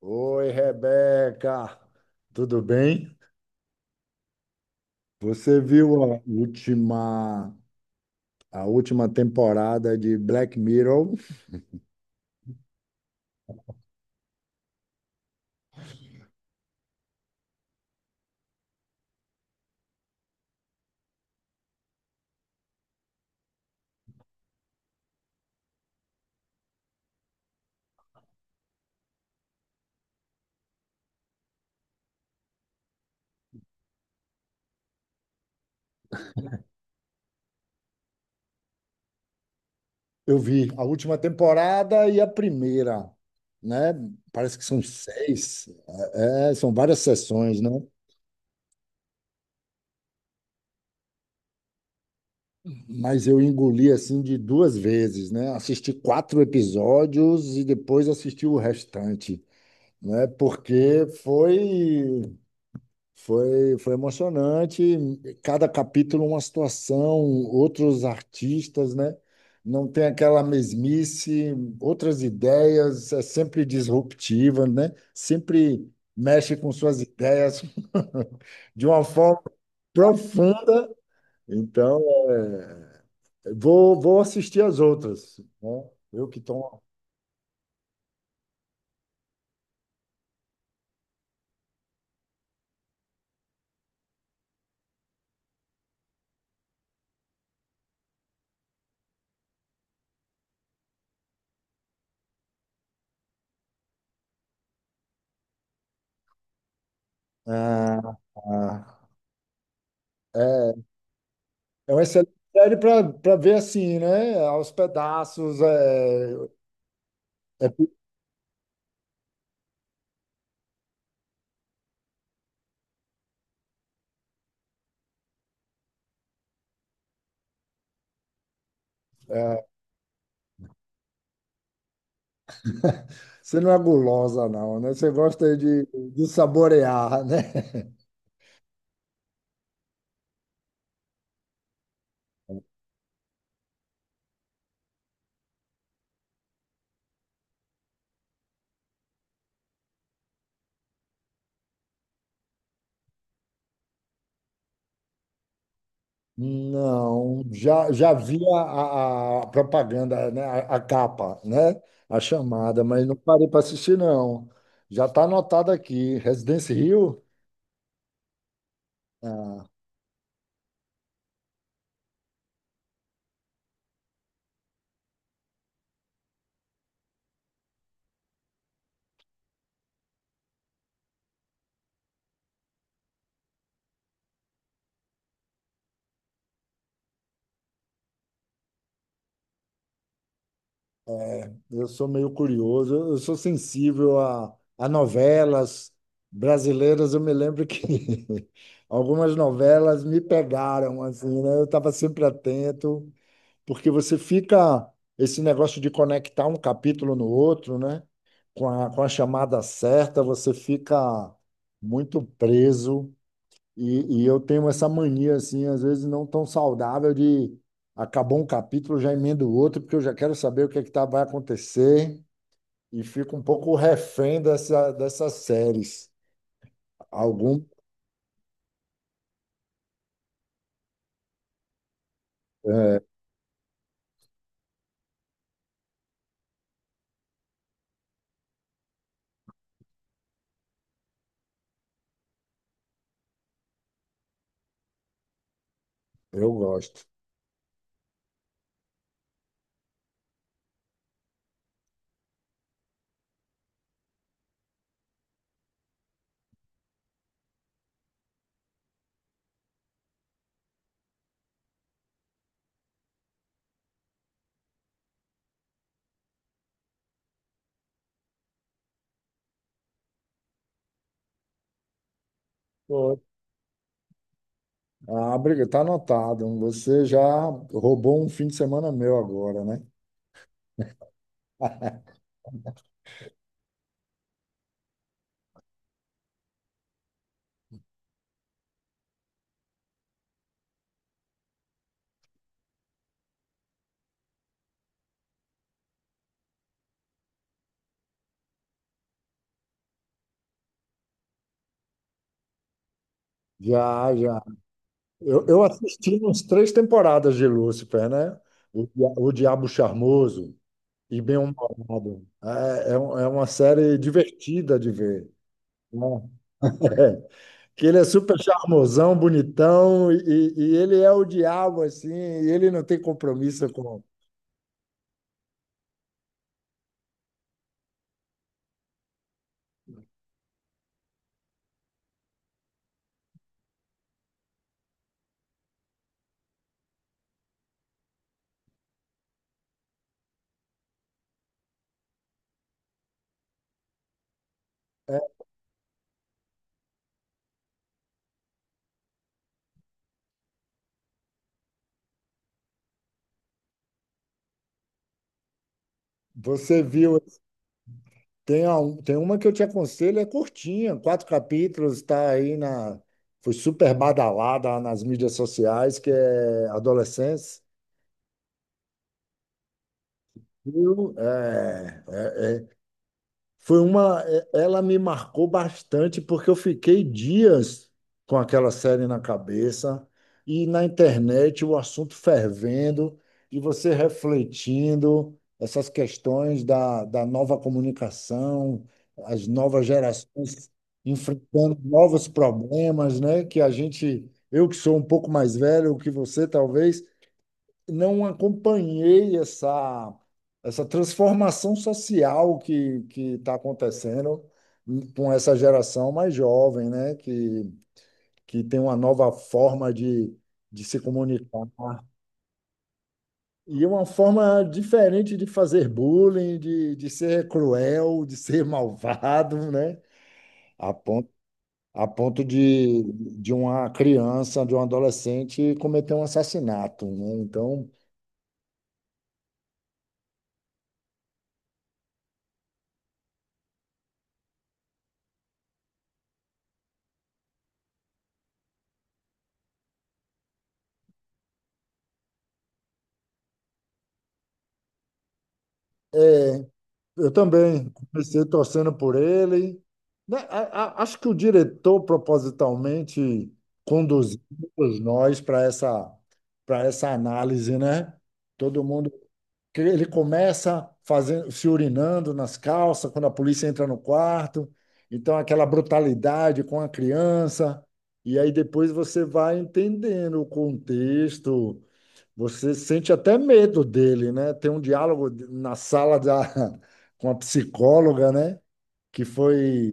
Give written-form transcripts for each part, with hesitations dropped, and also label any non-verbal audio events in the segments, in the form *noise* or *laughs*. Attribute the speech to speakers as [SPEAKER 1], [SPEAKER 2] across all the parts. [SPEAKER 1] Oi, Rebeca, tudo bem? Você viu a última temporada de Black Mirror? *laughs* Eu vi a última temporada e a primeira, né? Parece que são seis, são várias sessões, né? Mas eu engoli assim de duas vezes, né? Assisti quatro episódios e depois assisti o restante, né? Porque foi emocionante. Cada capítulo uma situação, outros artistas, né? Não tem aquela mesmice, outras ideias, é sempre disruptiva, né? Sempre mexe com suas ideias *laughs* de uma forma profunda. Então, é, Vou assistir as outras, né? Eu que estou. Ah, ah. É, é uma excelente série para ver assim, né? Aos pedaços. É- é. Você não é gulosa, não, né? Você gosta de saborear, né? Não, já vi a propaganda, né? A capa, né? A chamada, mas não parei para assistir, não. Já está anotado aqui. Residence Hill? Ah, eu sou meio curioso, eu sou sensível a novelas brasileiras. Eu me lembro que *laughs* algumas novelas me pegaram, assim, né? Eu estava sempre atento, porque você fica esse negócio de conectar um capítulo no outro, né? Com a chamada certa, você fica muito preso. E eu tenho essa mania, assim, às vezes não tão saudável de acabou um capítulo, já emendo o outro, porque eu já quero saber o que é que tá, vai acontecer e fico um pouco refém dessas séries. Algum eu gosto. Pô, ah, briga, tá anotado. Você já roubou um fim de semana meu agora, né? Já, já. Eu assisti uns três temporadas de Lúcifer, né? O Diabo Charmoso e Bem-Humorado. É uma série divertida de ver, né? *laughs* Que ele é super charmosão, bonitão, e ele é o diabo, assim, e ele não tem compromisso com. É, você viu, tem, a, um, tem uma que eu te aconselho, é curtinha, quatro capítulos, está aí na. Foi super badalada nas mídias sociais, que é Adolescência. Viu? Foi uma, ela me marcou bastante porque eu fiquei dias com aquela série na cabeça e na internet o assunto fervendo e você refletindo essas questões da nova comunicação, as novas gerações enfrentando novos problemas, né? Que a gente, eu que sou um pouco mais velho que você, talvez, não acompanhei essa, essa transformação social que está acontecendo com essa geração mais jovem, né? Que tem uma nova forma de se comunicar e uma forma diferente de fazer bullying, de ser cruel, de ser malvado, né? A ponto, a ponto de uma criança, de um adolescente cometer um assassinato, né? Então, eu também comecei torcendo por ele. Né, acho que o diretor propositalmente conduziu todos nós para essa análise, né? Todo mundo. Que Ele começa fazendo, se urinando nas calças quando a polícia entra no quarto. Então, aquela brutalidade com a criança. E aí depois você vai entendendo o contexto, você sente até medo dele, né? Tem um diálogo na sala da, *laughs* com a psicóloga, né? Que foi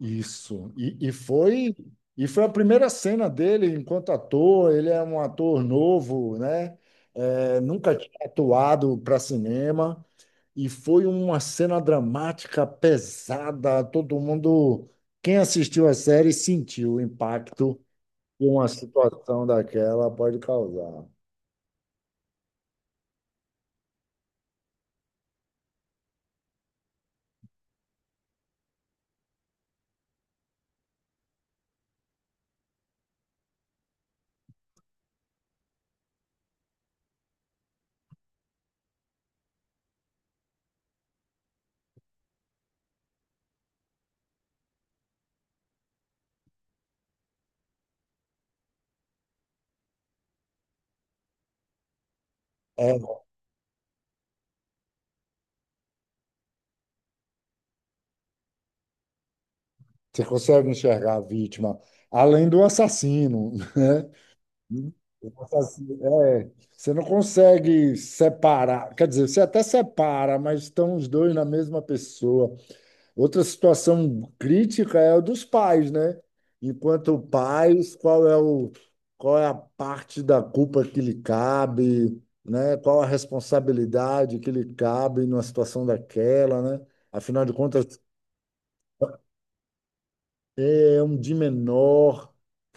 [SPEAKER 1] isso. E foi a primeira cena dele enquanto ator. Ele é um ator novo, né? É, nunca tinha atuado para cinema. E foi uma cena dramática, pesada. Todo mundo, quem assistiu a série, sentiu o impacto que uma situação daquela pode causar. É, você consegue enxergar a vítima, além do assassino, né? É, você não consegue separar, quer dizer, você até separa, mas estão os dois na mesma pessoa. Outra situação crítica é a dos pais, né? Enquanto pais, qual é a parte da culpa que lhe cabe, né? Qual a responsabilidade que lhe cabe numa situação daquela, né? Afinal de contas, é um de menor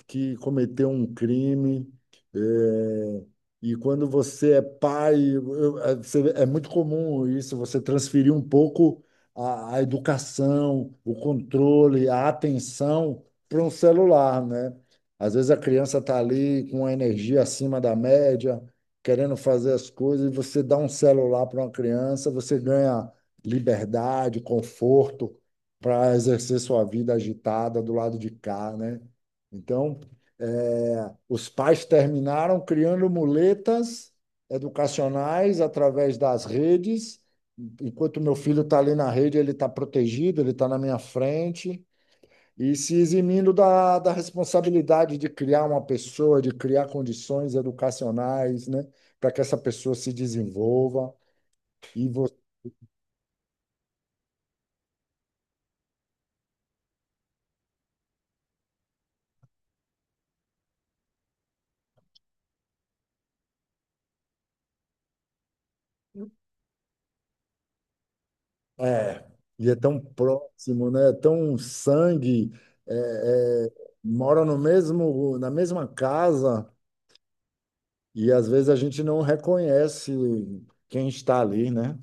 [SPEAKER 1] que cometeu um crime. É, e quando você é pai, é muito comum isso, você transferir um pouco a educação, o controle, a atenção para um celular, né? Às vezes a criança está ali com a energia acima da média, querendo fazer as coisas, e você dá um celular para uma criança, você ganha liberdade, conforto, para exercer sua vida agitada do lado de cá, né? Então, é, os pais terminaram criando muletas educacionais através das redes. Enquanto meu filho está ali na rede, ele está protegido, ele está na minha frente e se eximindo da responsabilidade de criar uma pessoa, de criar condições educacionais, né? Para que essa pessoa se desenvolva. E você é, e é tão próximo, né? É tão sangue, é, é, mora no mesmo, na mesma casa e às vezes a gente não reconhece quem está ali, né?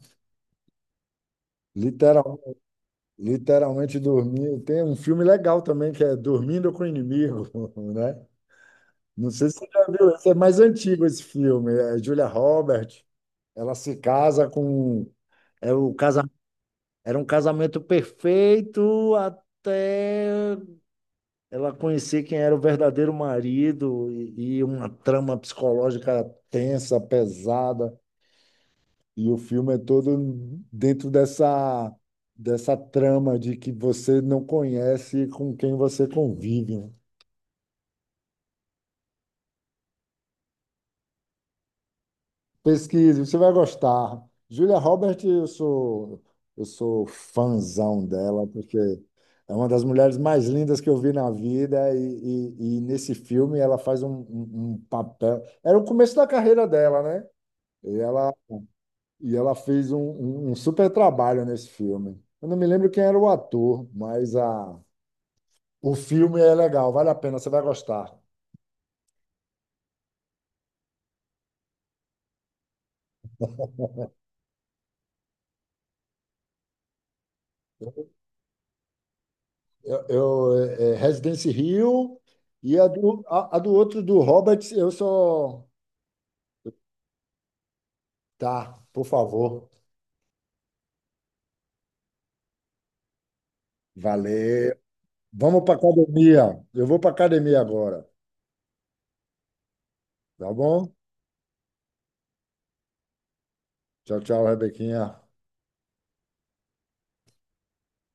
[SPEAKER 1] Literal, literalmente dormir. Tem um filme legal também que é Dormindo com o Inimigo, *laughs* né? Não sei se você já viu, esse é mais antigo esse filme. É Julia Roberts, ela se casa com, é o casa, era um casamento perfeito até ela conhecia quem era o verdadeiro marido e uma trama psicológica tensa, pesada. E o filme é todo dentro dessa, dessa trama de que você não conhece com quem você convive, né? Pesquise, você vai gostar. Julia Roberts, eu sou fãzão dela, porque é uma das mulheres mais lindas que eu vi na vida, e, e nesse filme ela faz um papel. Era o começo da carreira dela, né? E ela, e ela fez um super trabalho nesse filme. Eu não me lembro quem era o ator, mas a, o filme é legal, vale a pena, você vai gostar. É é Residence Hill e a do, a do outro, do Hobbit, eu só. Tá, por favor. Valeu. Vamos para academia. Eu vou para academia agora, tá bom? Tchau, tchau, Rebequinha.